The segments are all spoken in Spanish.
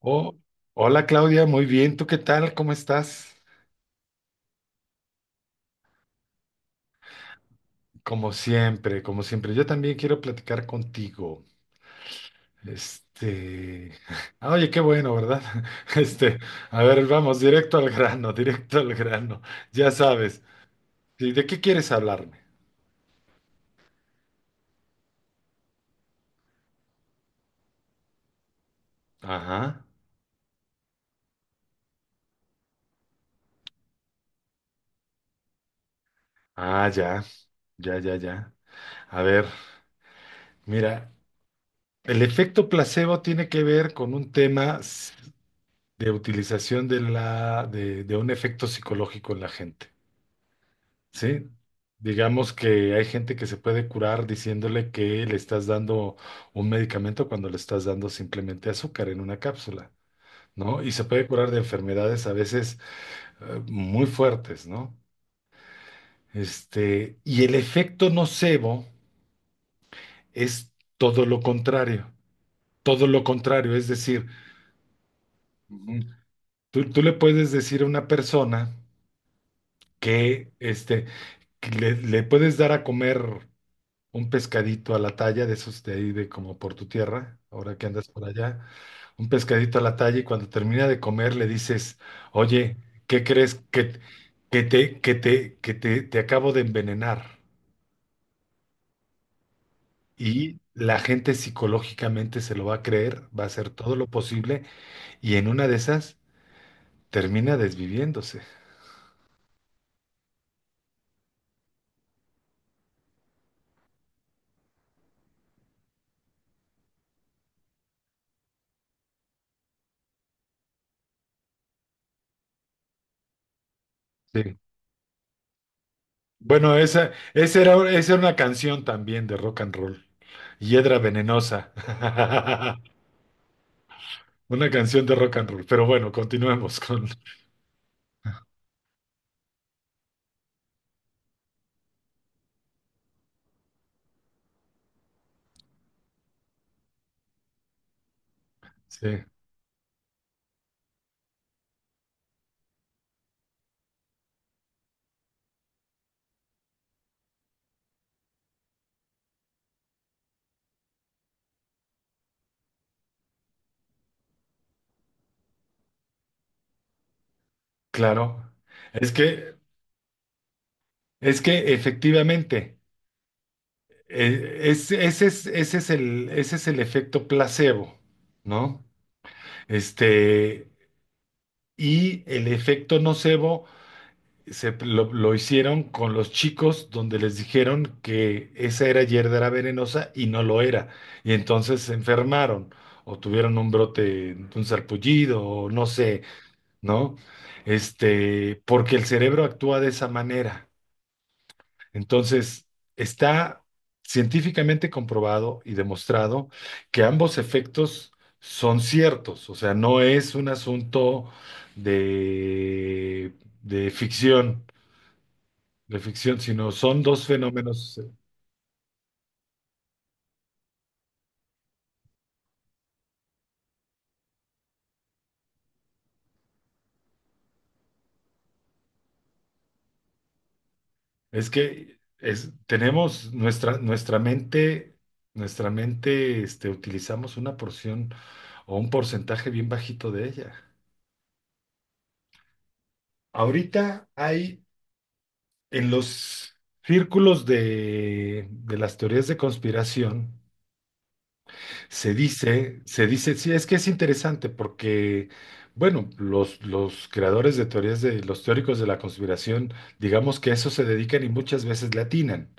Oh, hola Claudia, muy bien. ¿Tú qué tal? ¿Cómo estás? Como siempre, como siempre. Yo también quiero platicar contigo. Este, oye, qué bueno, ¿verdad? Este, a ver, vamos, directo al grano, directo al grano. Ya sabes. ¿Y de qué quieres hablarme? Ajá. Ah, ya, ya, ya, ya. A ver, mira, el efecto placebo tiene que ver con un tema de utilización de de un efecto psicológico en la gente. Sí, digamos que hay gente que se puede curar diciéndole que le estás dando un medicamento cuando le estás dando simplemente azúcar en una cápsula, ¿no? Y se puede curar de enfermedades a veces muy fuertes, ¿no? Y el efecto nocebo es todo lo contrario, todo lo contrario, es decir, ujú, tú le puedes decir a una persona que, que le puedes dar a comer un pescadito a la talla, de esos de ahí de como por tu tierra, ahora que andas por allá, un pescadito a la talla y cuando termina de comer le dices, oye, ¿qué crees te acabo de envenenar? Y la gente psicológicamente se lo va a creer, va a hacer todo lo posible y en una de esas termina desviviéndose. Sí. Bueno, esa era una canción también de rock and roll. Hiedra venenosa. Una canción de rock and roll. Pero bueno, continuemos con. Sí, claro. Es que, es que efectivamente, ese es ese es el efecto placebo, ¿no? Este, y el efecto nocebo se, lo hicieron con los chicos donde les dijeron que esa era hierba venenosa y no lo era. Y entonces se enfermaron o tuvieron un brote, un sarpullido o no sé, ¿no? Porque el cerebro actúa de esa manera. Entonces, está científicamente comprobado y demostrado que ambos efectos son ciertos, o sea, no es un asunto de, de ficción, de ficción, sino son dos fenómenos. Tenemos nuestra mente, utilizamos una porción o un porcentaje bien bajito de ella. Ahorita hay en los círculos de las teorías de conspiración, se dice, sí, es que es interesante porque, bueno, los creadores de teorías de los teóricos de la conspiración, digamos que a eso se dedican y muchas veces le atinan,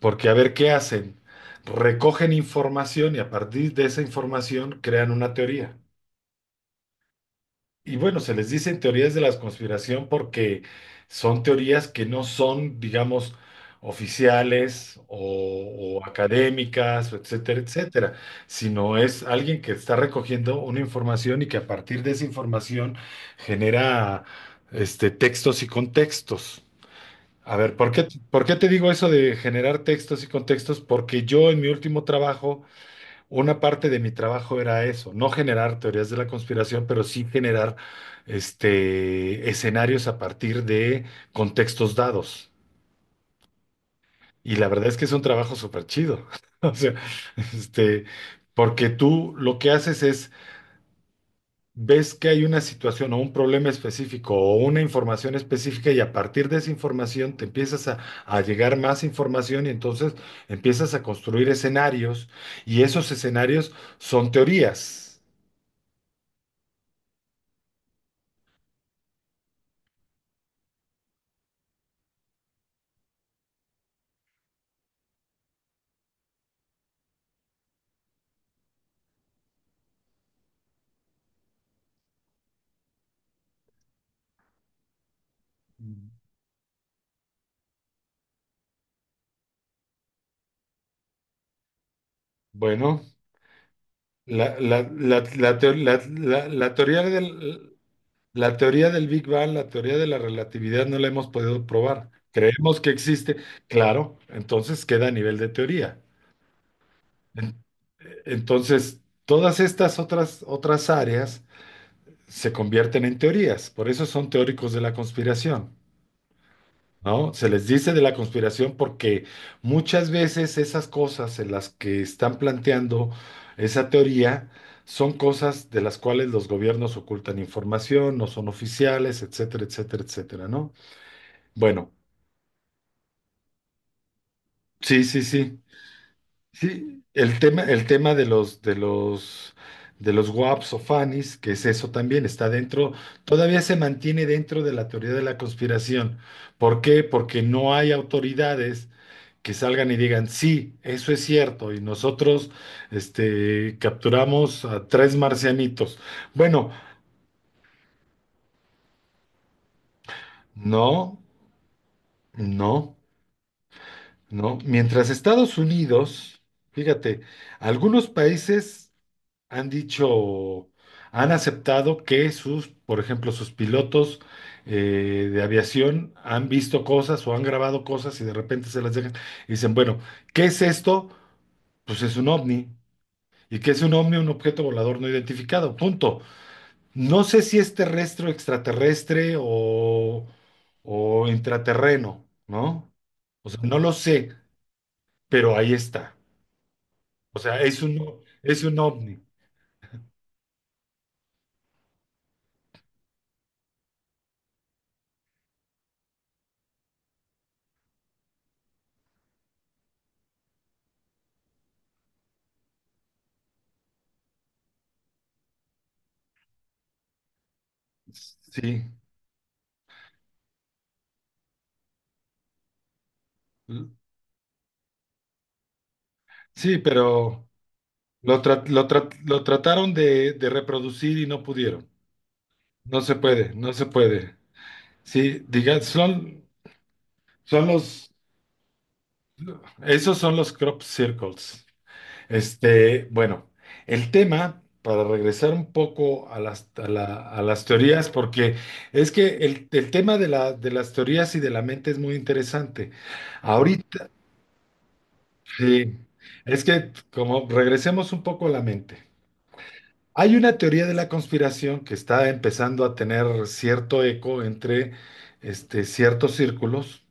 porque a ver qué hacen, recogen información y a partir de esa información crean una teoría. Y bueno, se les dicen teorías de la conspiración porque son teorías que no son, digamos, oficiales o académicas, etcétera, etcétera, sino es alguien que está recogiendo una información y que a partir de esa información genera, textos y contextos. A ver, ¿por qué te digo eso de generar textos y contextos? Porque yo en mi último trabajo una parte de mi trabajo era eso, no generar teorías de la conspiración, pero sí generar, escenarios a partir de contextos dados. Y la verdad es que es un trabajo súper chido. O sea, este, porque tú lo que haces es, ves que hay una situación o un problema específico o una información específica y a partir de esa información te empiezas a llegar más información y entonces empiezas a construir escenarios y esos escenarios son teorías. Bueno, la teoría la teoría del Big Bang, la teoría de la relatividad no la hemos podido probar. Creemos que existe, claro, entonces queda a nivel de teoría. En- Entonces, todas estas otras áreas se convierten en teorías, por eso son teóricos de la conspiración. ¿No? Se les dice de la conspiración porque muchas veces esas cosas en las que están planteando esa teoría son cosas de las cuales los gobiernos ocultan información, no son oficiales, etcétera, etcétera, etcétera, ¿no? Bueno, sí, sí, sí. Sí, el tema de los WAPs o FANIs, que es eso también, está dentro, todavía se mantiene dentro de la teoría de la conspiración. ¿Por qué? Porque no hay autoridades que salgan y digan, sí, eso es cierto, y nosotros, capturamos a tres marcianitos. Bueno, no, no, no. Mientras Estados Unidos, fíjate, algunos países han dicho, han aceptado que sus, por ejemplo, sus pilotos, de aviación han visto cosas o han grabado cosas y de repente se las dejan y dicen, bueno, ¿qué es esto? Pues es un ovni. Y que es un ovni, un objeto volador no identificado. Punto. No sé si es terrestre o extraterrestre o intraterreno, ¿no? O sea, no lo sé, pero ahí está. O sea, es un ovni. Sí. Sí, pero lo trataron de reproducir y no pudieron. No se puede, no se puede. Sí, digan, son, son los, esos son los crop circles. Bueno, el tema, para regresar un poco a a las teorías, porque es que el tema de de las teorías y de la mente es muy interesante. Ahorita, sí, es que como regresemos un poco a la mente. Hay una teoría de la conspiración que está empezando a tener cierto eco entre, ciertos círculos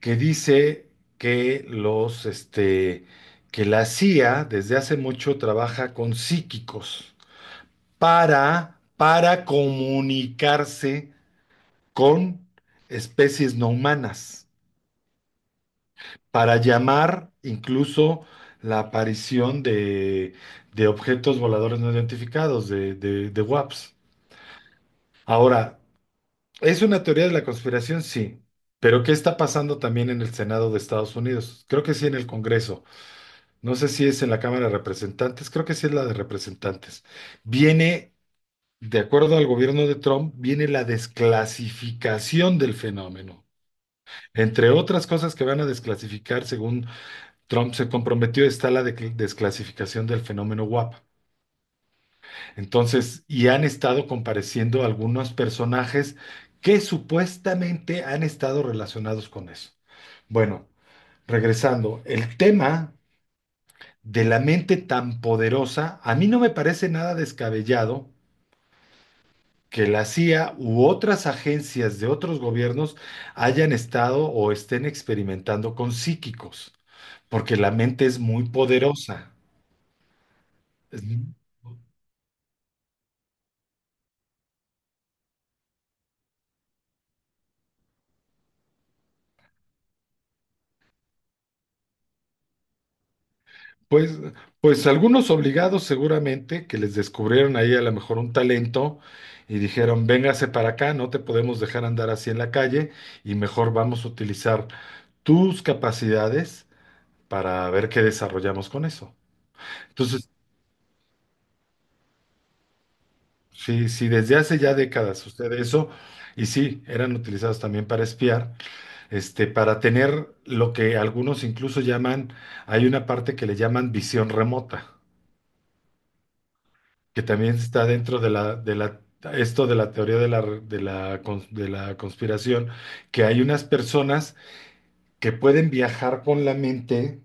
que dice que los, que la CIA desde hace mucho trabaja con psíquicos, para comunicarse con especies no humanas, para llamar incluso la aparición de objetos voladores no identificados, de WAPs. Ahora, ¿es una teoría de la conspiración? Sí. Pero ¿qué está pasando también en el Senado de Estados Unidos? Creo que sí en el Congreso. No sé si es en la Cámara de Representantes, creo que sí es la de Representantes. Viene, de acuerdo al gobierno de Trump, viene la desclasificación del fenómeno. Entre otras cosas que van a desclasificar, según Trump se comprometió, está la desclasificación del fenómeno WAP. Entonces, y han estado compareciendo algunos personajes que supuestamente han estado relacionados con eso. Bueno, regresando, el tema de la mente tan poderosa, a mí no me parece nada descabellado que la CIA u otras agencias de otros gobiernos hayan estado o estén experimentando con psíquicos, porque la mente es muy poderosa. Es- Pues, pues algunos obligados seguramente que les descubrieron ahí a lo mejor un talento y dijeron, véngase para acá, no te podemos dejar andar así en la calle y mejor vamos a utilizar tus capacidades para ver qué desarrollamos con eso. Entonces, sí, sí, desde hace ya décadas sucede eso, y sí, eran utilizados también para espiar, para tener lo que algunos incluso llaman, hay una parte que le llaman visión remota, que también está dentro de de la, esto de la teoría de de la, de la conspiración, que hay unas personas que pueden viajar con la mente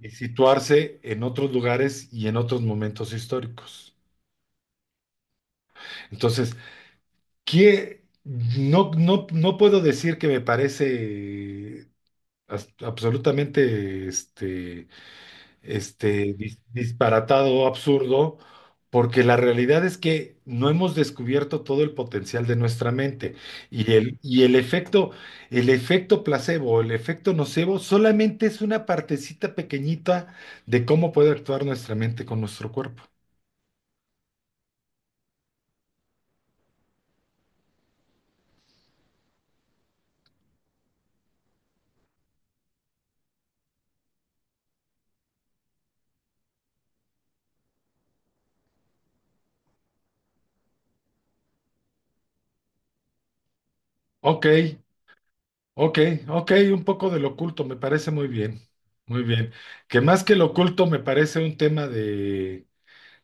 y situarse en otros lugares y en otros momentos históricos. Entonces, que no, no, no puedo decir que me parece absolutamente disparatado o absurdo, porque la realidad es que no hemos descubierto todo el potencial de nuestra mente. Y el efecto placebo, el efecto nocebo, solamente es una partecita pequeñita de cómo puede actuar nuestra mente con nuestro cuerpo. Ok. Ok, ok, un poco del oculto, me parece muy bien, muy bien. Que más que el oculto me parece un tema de,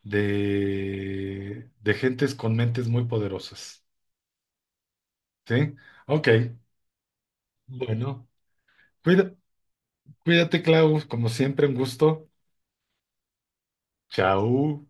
de gentes con mentes muy poderosas, ¿sí? Ok, bueno, cuida- cuídate, Clau, como siempre, un gusto. Chao.